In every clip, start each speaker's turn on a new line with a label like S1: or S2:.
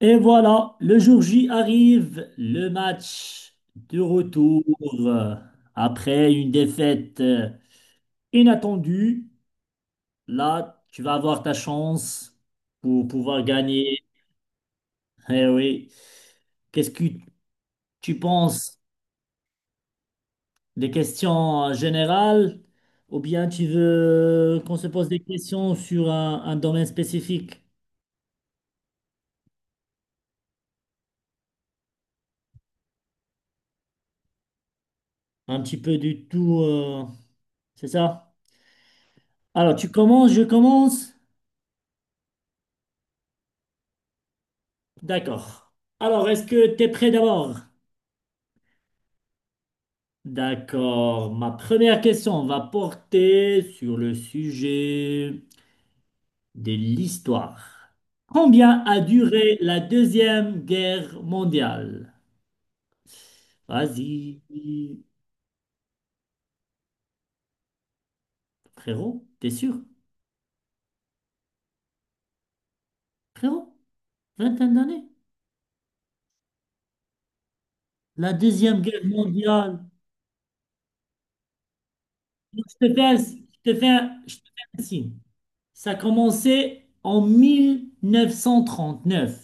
S1: Et voilà, le jour J arrive, le match de retour euh, après une défaite inattendue. Là, tu vas avoir ta chance pour pouvoir gagner. Eh oui. Qu'est-ce que tu penses des questions générales ou bien tu veux qu'on se pose des questions sur un domaine spécifique? Un petit peu du tout, c'est ça? Alors, tu commences, je commence. D'accord. Alors, est-ce que tu es prêt d'abord? D'accord. Ma première question va porter sur le sujet de l'histoire. Combien a duré la Deuxième Guerre mondiale? Vas-y, frérot, t'es sûr? Frérot, vingtaine d'années? La Deuxième Guerre mondiale. Je je te fais un signe. Ça a commencé en 1939.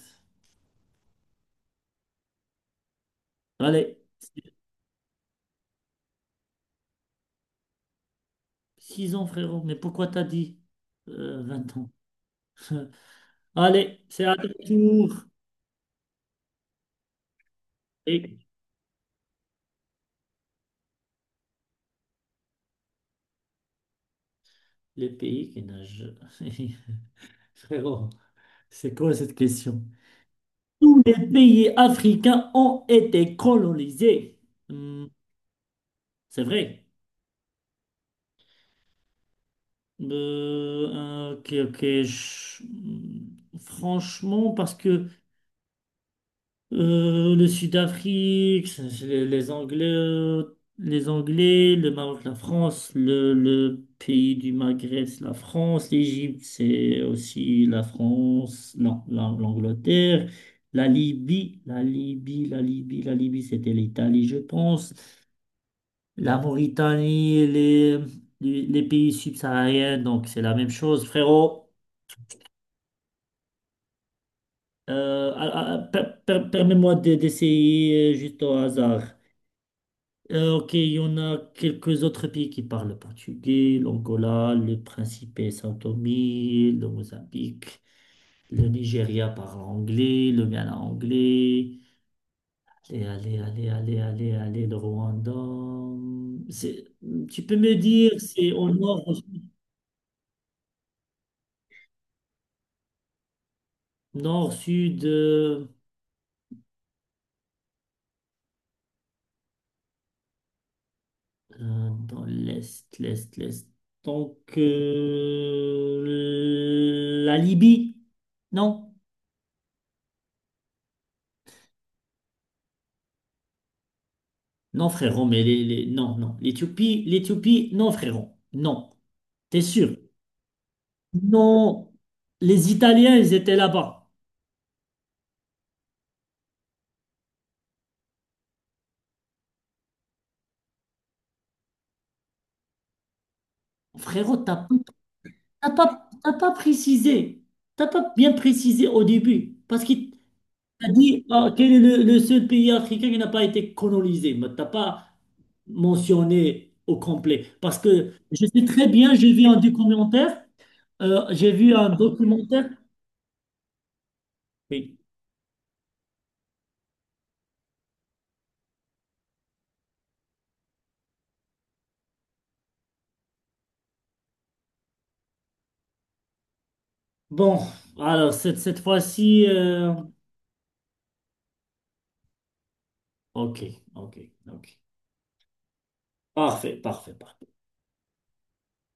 S1: Allez. 6 ans, frérot, mais pourquoi t'as dit 20 ans? Allez, c'est à ton tour. Et le pays qui nage. Frérot, c'est quoi cette question? Tous les pays africains ont été colonisés. Hmm, c'est vrai. Ok, ok. Franchement, parce que le Sud-Afrique, c'est les Anglais, le Maroc, la France, le pays du Maghreb, c'est la France, l'Égypte, c'est aussi la France, non, l'Angleterre, la Libye, c'était l'Italie, je pense, la Mauritanie, les pays subsahariens, donc c'est la même chose, frérot. Permets-moi d'essayer juste au hasard. Ok, il y en a quelques autres pays qui parlent le portugais, l'Angola, le Principe et Sao Tomé, le Mozambique, le Nigeria parle anglais, le Ghana anglais, allez, allez, allez, allez, allez, allez, le Rwanda. C'est- Tu peux me dire, c'est au nord, nord, sud, dans l'est, l'est, l'est. Donc, la Libye, non? Non, frérot, mais non, non. L'Éthiopie, l'Éthiopie, non, frérot. Non. T'es sûr? Non. Les Italiens, ils étaient là-bas. Frérot, t'as pas précisé. T'as pas bien précisé au début. Parce que t'as dit, ah, quel est le seul pays africain qui n'a pas été colonisé. Mais t'as pas mentionné au complet. Parce que je sais très bien, j'ai vu un documentaire. euh, j'ai vu un documentaire. Oui. Bon, alors cette fois-ci. Ok, ok, ok. Parfait, parfait, parfait.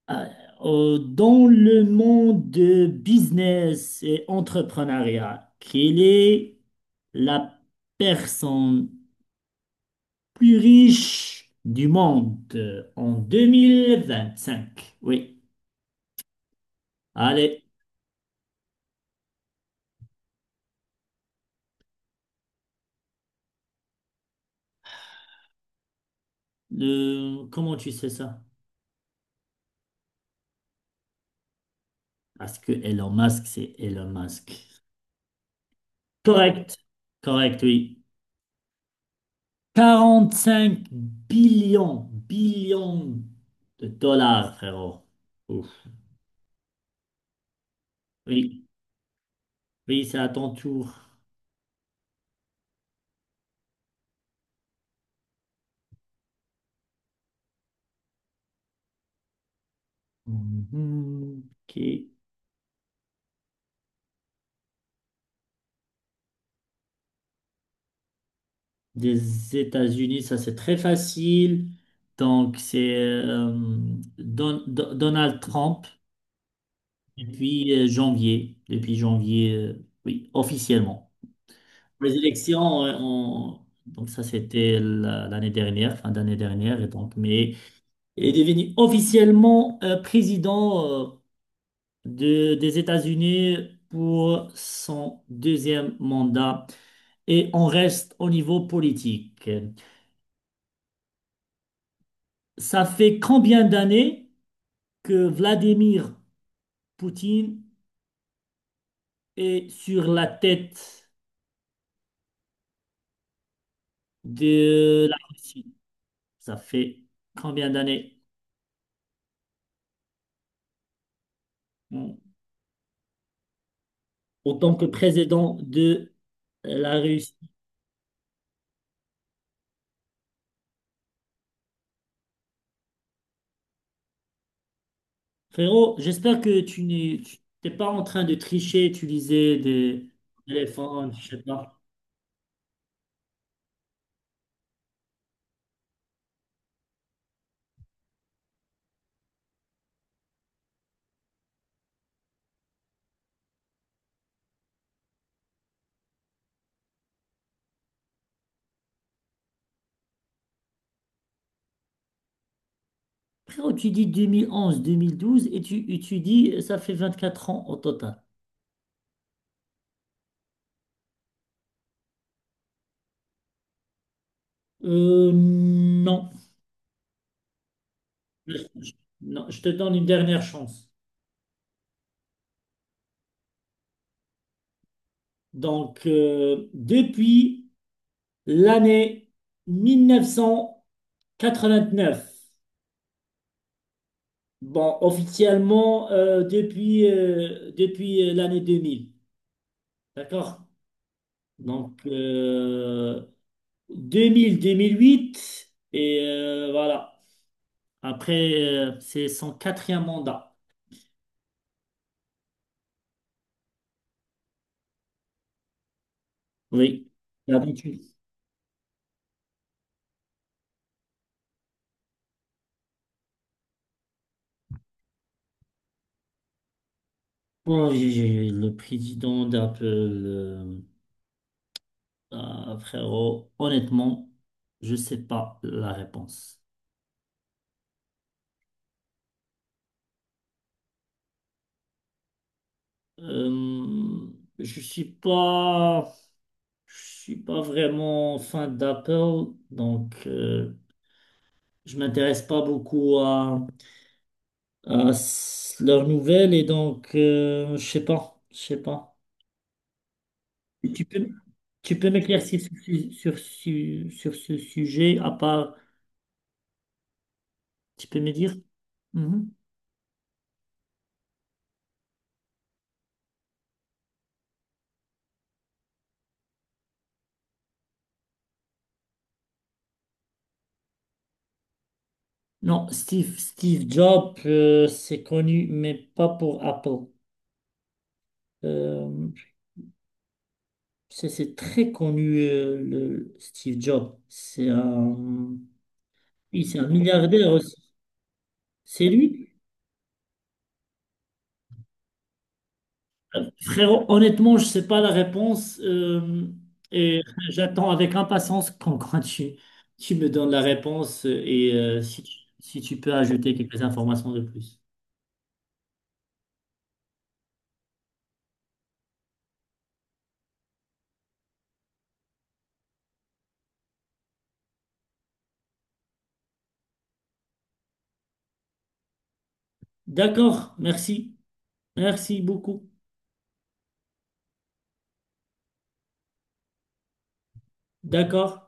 S1: Ah, dans le monde de business et entrepreneuriat, quelle est la personne plus riche du monde en 2025? Oui. Allez, comment tu sais ça? Parce que Elon Musk, c'est Elon Musk. Correct, correct, oui. 45 billions de dollars, frérot. Ouf. Oui, oui, c'est à ton tour. Mhm. Ok. Des États-Unis, ça c'est très facile. Donc c'est Donald Trump depuis janvier, oui, officiellement. Les élections, donc ça c'était l'année dernière, fin d'année dernière, et donc mais il est devenu officiellement président des États-Unis pour son deuxième mandat. Et on reste au niveau politique. Ça fait combien d'années que Vladimir Poutine est sur la tête de la Russie? Ça fait combien d'années en en tant que président de la Russie? Frérot, j'espère que t'es pas en train de tricher, utiliser des téléphones, je sais pas. Frérot, tu dis 2011, 2012 et tu dis ça fait 24 ans au total. Non. Je- Non, je te donne une dernière chance. Donc, depuis l'année 1989, bon, officiellement depuis l'année 2000. D'accord? Donc, 2000-2008, et voilà. Après, c'est son quatrième mandat. Oui, l'habitude. Bon, le président d'Apple, ah, frérot, honnêtement, je sais pas la réponse. Euh, je suis pas, je suis pas vraiment fan d'Apple, donc je m'intéresse pas beaucoup à leurs nouvelles et donc je sais pas. Tu peux, Tu peux m'éclaircir sur ce sujet, à part, tu peux me dire? Mhm. Non, Steve Jobs, c'est connu, mais pas pour Apple. Euh, c'est très connu, le Steve Jobs. Oui, c'est un milliardaire aussi. C'est lui? Frérot, honnêtement, je sais pas la réponse et j'attends avec impatience quand tu me donnes la réponse et si tu peux ajouter quelques informations de plus. D'accord, merci. Merci beaucoup. D'accord.